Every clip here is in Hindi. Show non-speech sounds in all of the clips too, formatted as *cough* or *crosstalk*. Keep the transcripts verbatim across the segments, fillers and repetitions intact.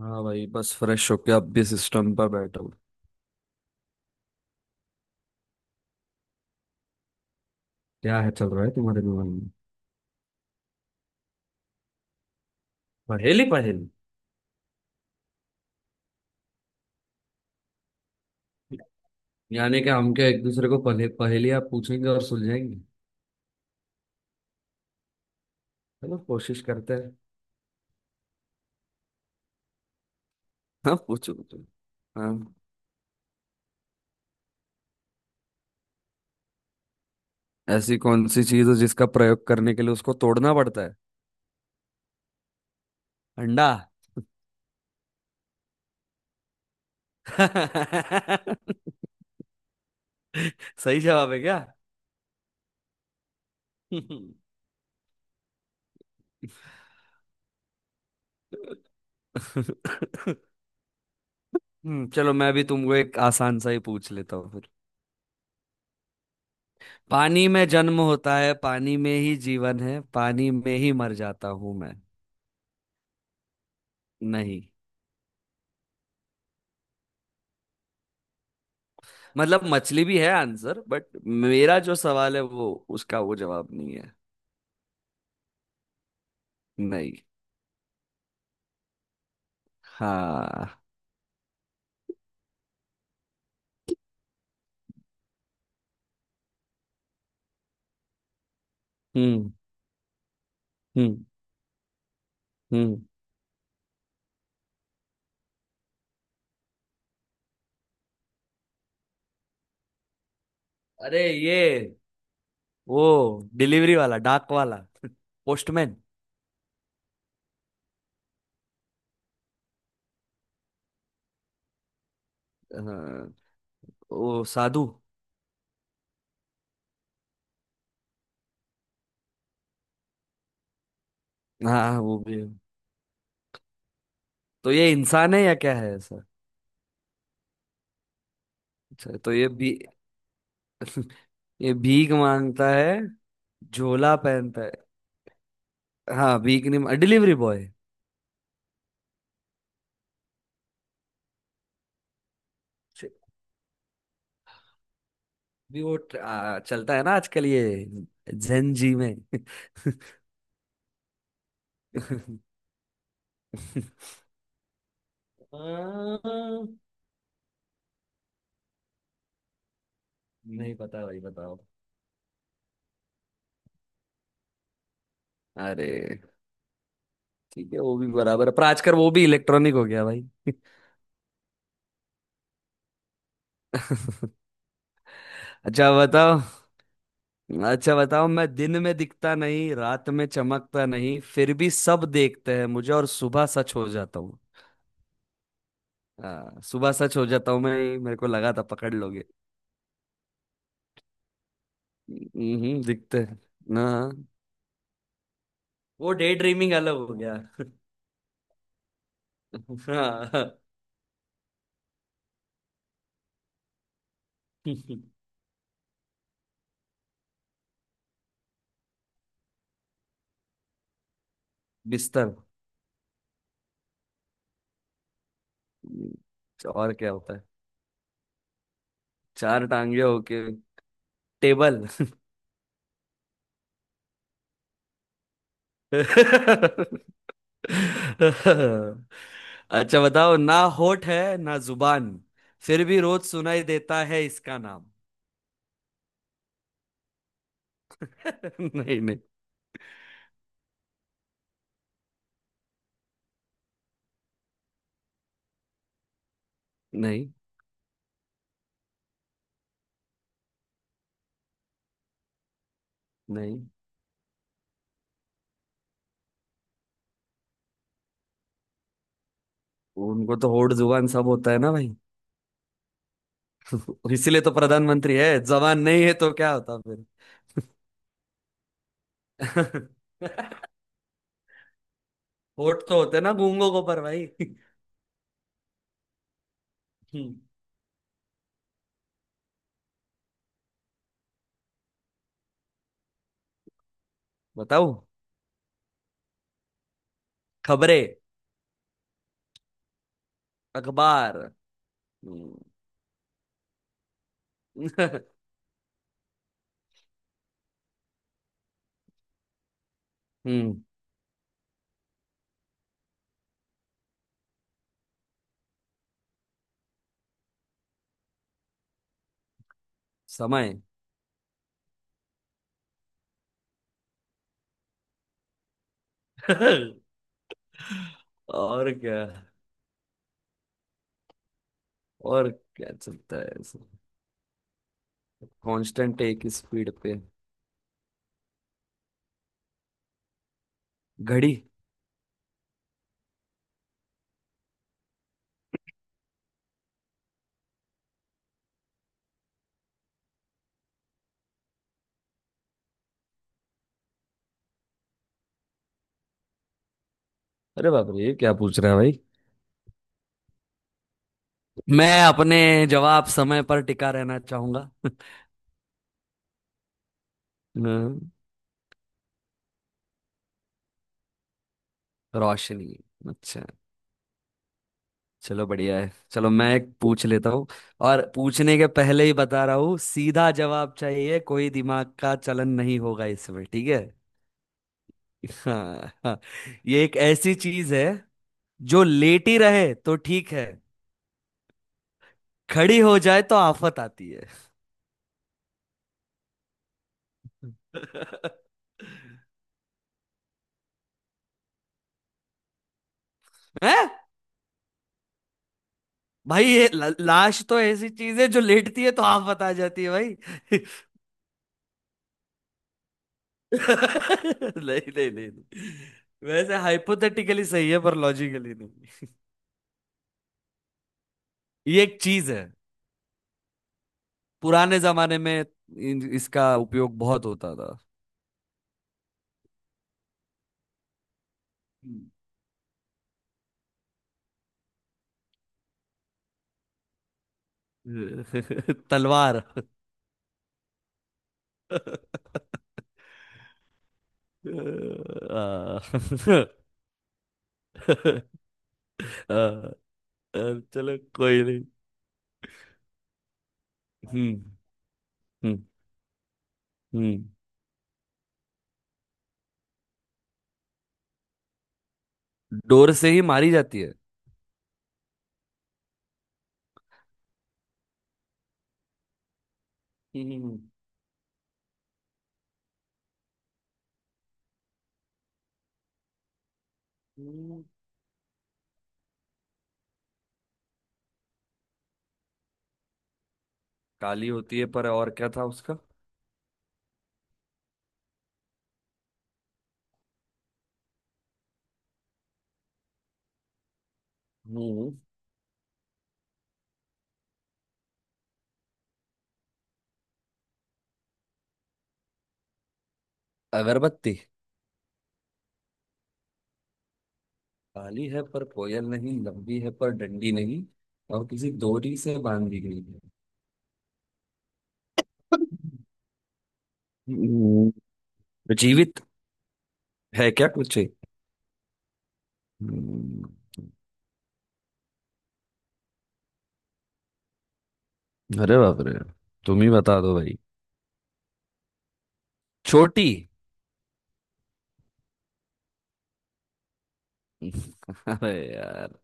हाँ भाई, बस फ्रेश होके अब भी सिस्टम पर बैठा हूँ। क्या है, चल रहा है तुम्हारे दिमाग में? पहेली पहेली? यानी कि हम क्या एक दूसरे को पहले पहेलियाँ पूछेंगे और सुलझाएंगे? चलो कोशिश करते हैं। हाँ पूछो पूछो। हाँ, ऐसी कौन सी चीज है जिसका प्रयोग करने के लिए उसको तोड़ना पड़ता है? अंडा। *laughs* सही जवाब है क्या? *laughs* हम्म, चलो मैं भी तुमको एक आसान सा ही पूछ लेता हूँ फिर। पानी में जन्म होता है, पानी में ही जीवन है, पानी में ही मर जाता हूं मैं। नहीं। मतलब मछली भी है आंसर, बट मेरा जो सवाल है वो उसका वो जवाब नहीं है। नहीं। हाँ। हम्म। हम्म। हम्म। अरे ये, वो डिलीवरी वाला, डाक वाला, पोस्टमैन। हाँ, वो साधु। हाँ वो भी है। तो ये इंसान है या क्या है ऐसा? अच्छा, तो ये भी। *laughs* ये भीख मांगता है? झोला पहनता है। हाँ वीक नहीं, डिलीवरी बॉय। भी वो ट्र- आ, चलता है ना आजकल ये जेन जी में। *laughs* आ, नहीं पता भाई, बताओ। अरे! ठीक है वो भी बराबर है, पर आजकल वो भी इलेक्ट्रॉनिक हो गया भाई। *laughs* अच्छा बताओ। अच्छा बताओ, मैं दिन में दिखता नहीं, रात में चमकता नहीं, फिर भी सब देखते हैं मुझे, और सुबह सच हो जाता हूँ। हाँ, सुबह सच हो जाता हूँ मैं। मेरे को लगा था पकड़ लोगे। हम्म, दिखते हैं। ना, वो डे ड्रीमिंग अलग हो गया। हाँ। बिस्तर। और क्या होता है? चार टांगे होके। टेबल। अच्छा बताओ, ना होठ है ना जुबान, फिर भी रोज सुनाई देता है इसका नाम। *laughs* नहीं नहीं नहीं नहीं। उनको तो होठ जुबान सब होता है ना भाई। इसीलिए तो प्रधानमंत्री है, जबान नहीं है तो क्या होता। फिर। *laughs* होठ तो होते ना गूंगों को पर भाई। हम्म, बताओ। खबरें। अखबार। हम्म। *laughs* हम्म, समय। *laughs* और क्या? और क्या चलता है ऐसे कांस्टेंट एक स्पीड पे? घड़ी। अरे बाप रे, ये क्या पूछ रहा है भाई! मैं अपने जवाब समय पर टिका रहना चाहूंगा। *laughs* हम्म, रोशनी। अच्छा, चलो बढ़िया है। चलो मैं एक पूछ लेता हूँ। और पूछने के पहले ही बता रहा हूँ, सीधा जवाब चाहिए, कोई दिमाग का चलन नहीं होगा इसमें, ठीक है? हाँ हाँ। ये एक ऐसी चीज है, जो लेटी रहे तो ठीक है, खड़ी हो जाए तो आफत आती है। *laughs* हैं? भाई ये ल- लाश तो ऐसी चीज है जो लेटती है तो आफत आ जाती है भाई। *laughs* नहीं नहीं नहीं नहीं। वैसे हाइपोथेटिकली सही है पर लॉजिकली नहीं। ये एक चीज है, पुराने जमाने में इन- इसका उपयोग बहुत होता था। हम्म। *laughs* तलवार। आ, आ, चलो कोई नहीं। हम्म। हम्म। हम्म। डोर से ही मारी जाती है। हम्म। हम्म, काली होती है, पर और क्या था उसका? हम्म। अगरबत्ती। काली है पर कोयल नहीं, लंबी है पर डंडी नहीं, और किसी डोरी से बांधी गई है। *laughs* हम्म। जीवित। है क्या पूछे? हम्म, अरे बाप रे, तुम ही बता दो भाई। छोटी। *laughs* अरे यार।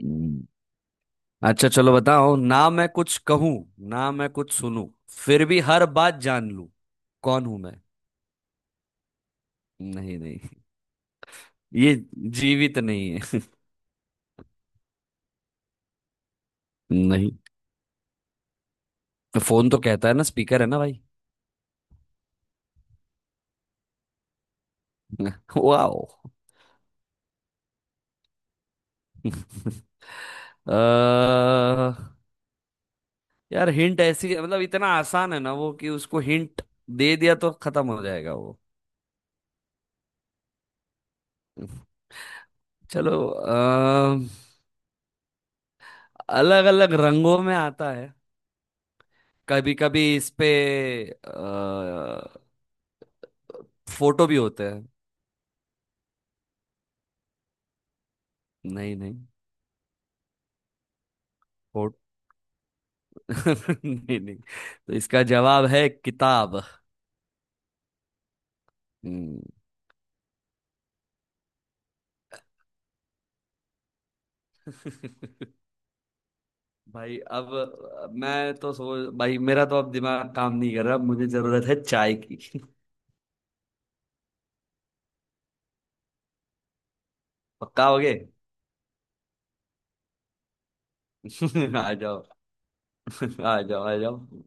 हम्म। अच्छा चलो बताओ, ना मैं कुछ कहूं, ना मैं कुछ सुनूं, फिर भी हर बात जान लूं। कौन हूं मैं? नहीं नहीं। ये जीवित नहीं है। *laughs* नहीं। फोन तो कहता है ना, स्पीकर है ना भाई। *laughs* वाओ। अ, यार हिंट ऐसी, मतलब इतना आसान है ना वो, कि उसको हिंट दे दिया तो खत्म हो जाएगा वो। चलो, अलग अलग रंगों में आता है, कभी कभी इस पे अ, फोटो भी होते हैं। नहीं नहीं। फोटो। *laughs* नहीं नहीं, तो इसका जवाब है किताब। हम्म। *laughs* भाई अब, अ, मैं तो सोच, भाई मेरा तो अब दिमाग काम नहीं कर रहा, मुझे जरूरत है चाय की। *laughs* पक्का हो गए? *laughs* आ जाओ। *laughs* आ जाओ आ जाओ।